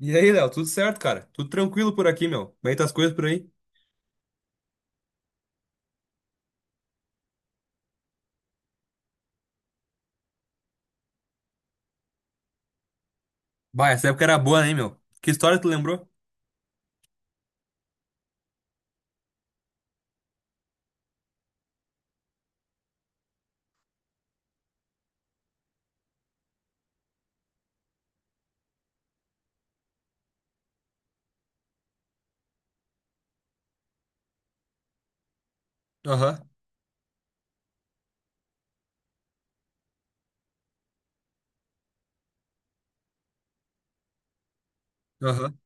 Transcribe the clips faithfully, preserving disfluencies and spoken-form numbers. E aí, Léo, tudo certo, cara? Tudo tranquilo por aqui, meu. Como é que tá as coisas por aí? Bah, essa época era boa, hein, meu? Que história tu lembrou? Aham, aham.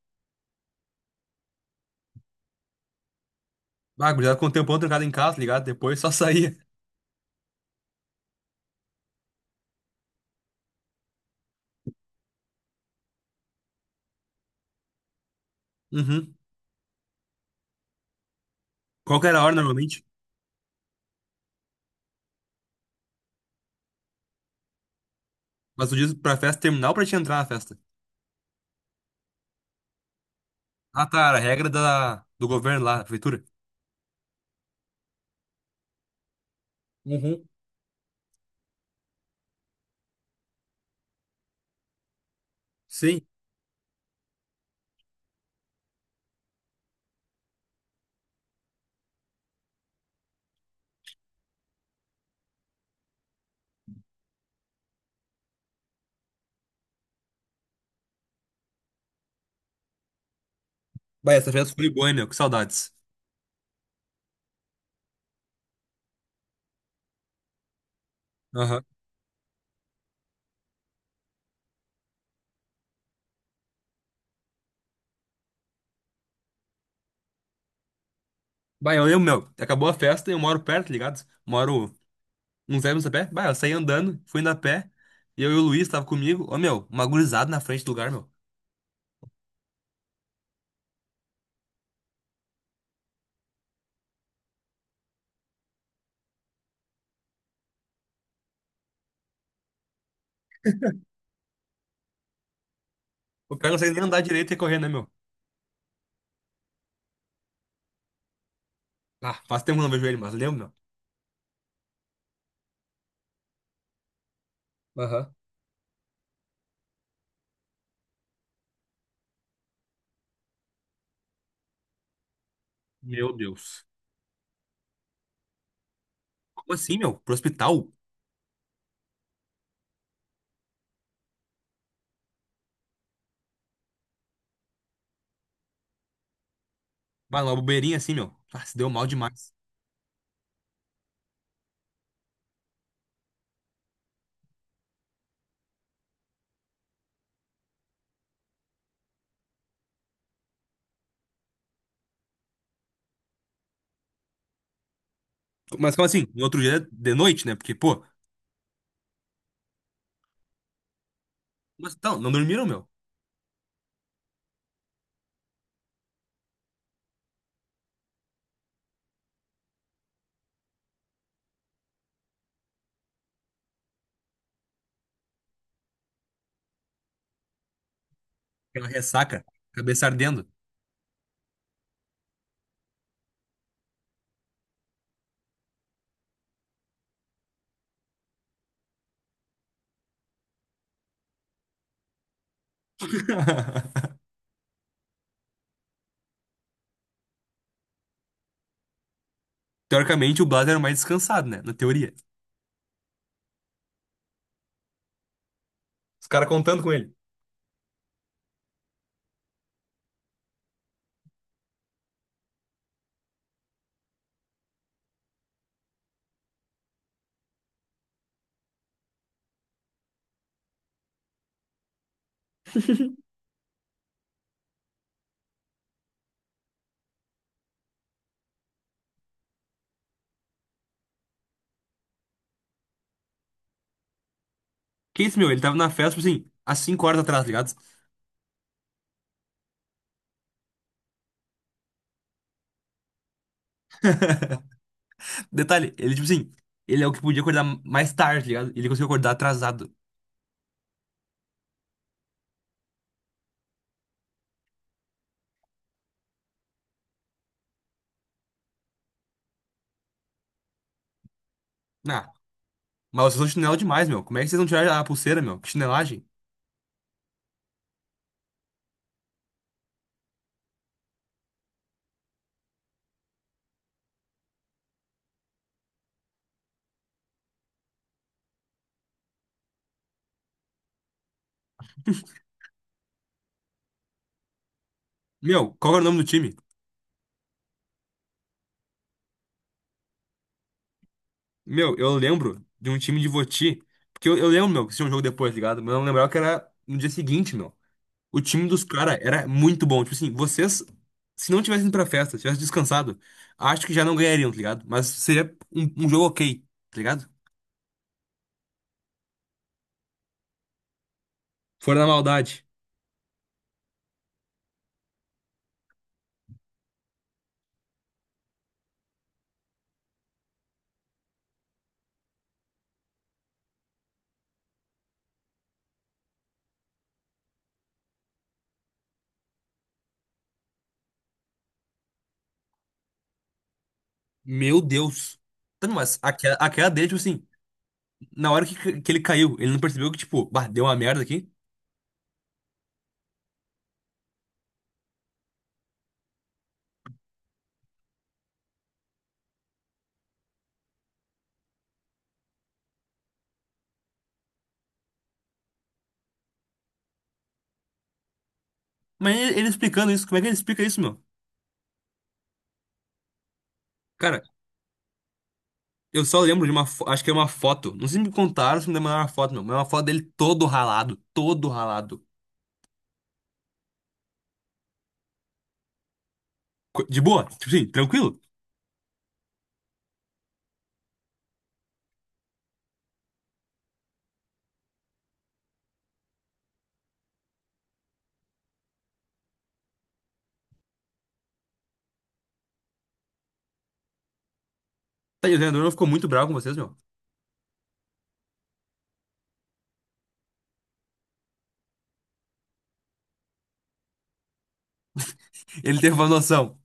Bah, gurizada com o tempão trancado em casa, tá ligado? Depois só saía. Uhum. Qual que era a hora normalmente? Mas tu diz pra festa terminar ou pra te entrar na festa? Ah, tá, era a regra da, do governo lá, da prefeitura. Uhum. Sim. Bah, essa festa foi boa, hein, meu? Que saudades. Aham. Bah, eu lembro, meu. Acabou a festa e eu moro perto, tá ligado? Moro uns dez minutos a pé. Bah, eu saí andando, fui indo a pé. E eu e o Luiz tava comigo. Ô, meu, uma gurizada na frente do lugar, meu. O cara não consegue nem andar direito e correr, né, meu? Ah, faz tempo que eu não vejo ele, mas lembro, meu. Aham. Meu Deus. Como assim, meu? Pro hospital? Bah, numa bobeirinha assim, meu. Ah, se deu mal demais. Mas como assim? No outro dia, de noite, né? Porque, pô, mas então, não dormiram, meu. Aquela ressaca, cabeça ardendo. Teoricamente, o Blas era o mais descansado, né? Na teoria. Os caras contando com ele. Que isso, meu? Ele tava na festa, tipo assim, às cinco horas atrás, tá ligado? Detalhe, ele, tipo assim, ele é o que podia acordar mais tarde, tá ligado? Ele conseguiu acordar atrasado. Ah, mas vocês são chinelo demais, meu. Como é que vocês não tiraram a pulseira, meu? Que chinelagem. Meu, qual era o nome do time? Meu, eu lembro de um time de Voti. Porque eu, eu lembro, meu, que tinha um jogo depois, tá ligado? Mas eu não lembrava que era no dia seguinte, meu. O time dos caras era muito bom. Tipo assim, vocês, se não tivessem ido pra festa, tivessem descansado, acho que já não ganhariam, tá ligado? Mas seria um, um jogo ok, tá ligado? Fora da maldade. Meu Deus. Tá, mas aquela, aquela dele, tipo assim. Na hora que, que ele caiu, ele não percebeu que, tipo, bah, deu uma merda aqui. Mas ele, ele explicando isso, como é que ele explica isso, meu? Cara, eu só lembro de uma, fo- acho que é uma foto. Não sei se me contaram, se me mandaram uma foto, meu. Mas é uma foto dele todo ralado, todo ralado. Co- De boa, tipo assim, tranquilo. Tá, e o treinador não ficou muito bravo com vocês, meu. Ele teve uma noção.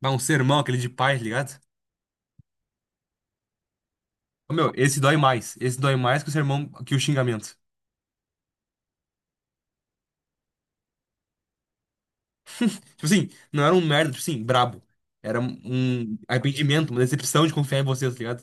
Bah, um sermão, aquele de paz, tá ligado? Ô, meu, esse dói mais. Esse dói mais que o sermão, que o xingamento. Tipo assim, não era um merda, tipo assim, brabo. Era um um arrependimento, uma decepção de confiar em vocês, tá ligado?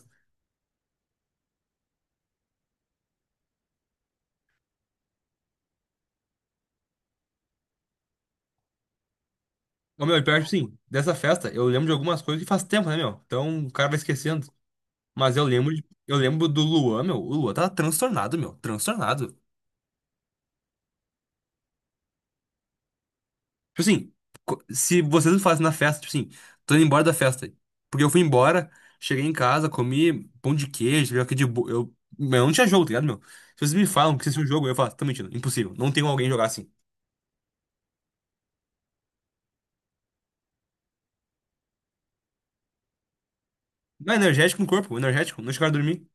Ô, meu, e pior, que, sim, dessa festa, eu lembro de algumas coisas que faz tempo, né, meu? Então o cara vai esquecendo. Mas eu lembro, de- eu lembro do Luan, meu. O Luan tava transtornado, meu. Transtornado. Tipo assim, co- se vocês não fazem na festa, tipo assim, tô indo embora da festa. Porque eu fui embora, cheguei em casa, comi pão de queijo, aqui de bo... eu, meu, eu não tinha jogo, tá ligado, meu? Se vocês me falam que vocês tinham jogo, eu falo, tô mentindo, impossível. Não tem como alguém jogar assim. Não, é energético no corpo, energético, não chegaram a dormir.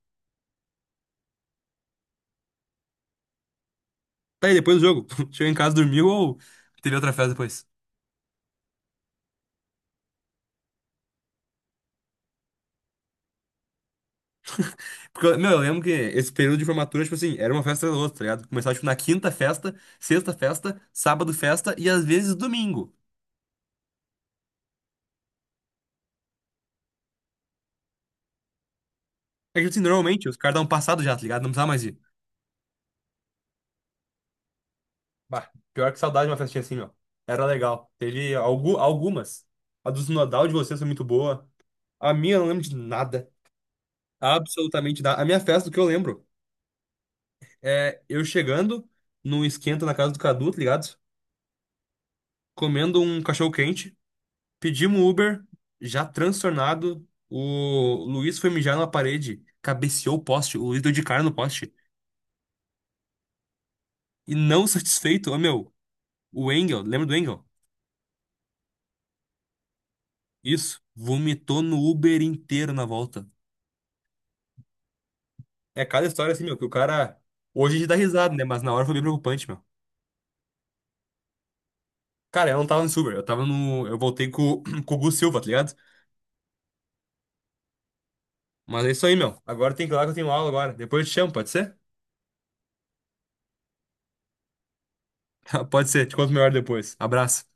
Tá aí, depois do jogo. Chegou em casa, dormiu ou teve outra festa depois? Porque, eu- meu, eu lembro que esse período de formatura, tipo assim, era uma festa atrás da outra, tá ligado? Começava, tipo, na quinta festa, sexta festa, sábado festa e às vezes domingo. É que, tipo assim, normalmente os caras dão um passado já, tá ligado? Não precisava mais ir. Bah, pior que saudade de uma festinha assim, meu. Era legal. Teve algu algumas. A do Sinodal de vocês foi muito boa. A minha eu não lembro de nada. Absolutamente nada. A minha festa, o que eu lembro, é eu chegando num esquenta na casa do Cadu, tá ligado? Comendo um cachorro quente. Pedimos um Uber, já transtornado. O Luiz foi mijar na parede, cabeceou o poste, o Luiz deu de cara no poste. E não satisfeito, ô meu, o Engel, lembra do Engel? Isso, vomitou no Uber inteiro na volta. É cada história assim, meu, que o cara. Hoje a gente dá risada, né? Mas na hora foi bem preocupante, meu. Cara, eu não tava no Uber, eu tava no. Eu voltei com, com o Gu Silva, tá ligado? Mas é isso aí, meu. Agora tem que ir lá que eu tenho aula agora. Depois eu te chamo, pode ser? Pode ser, te conto melhor depois. Abraço.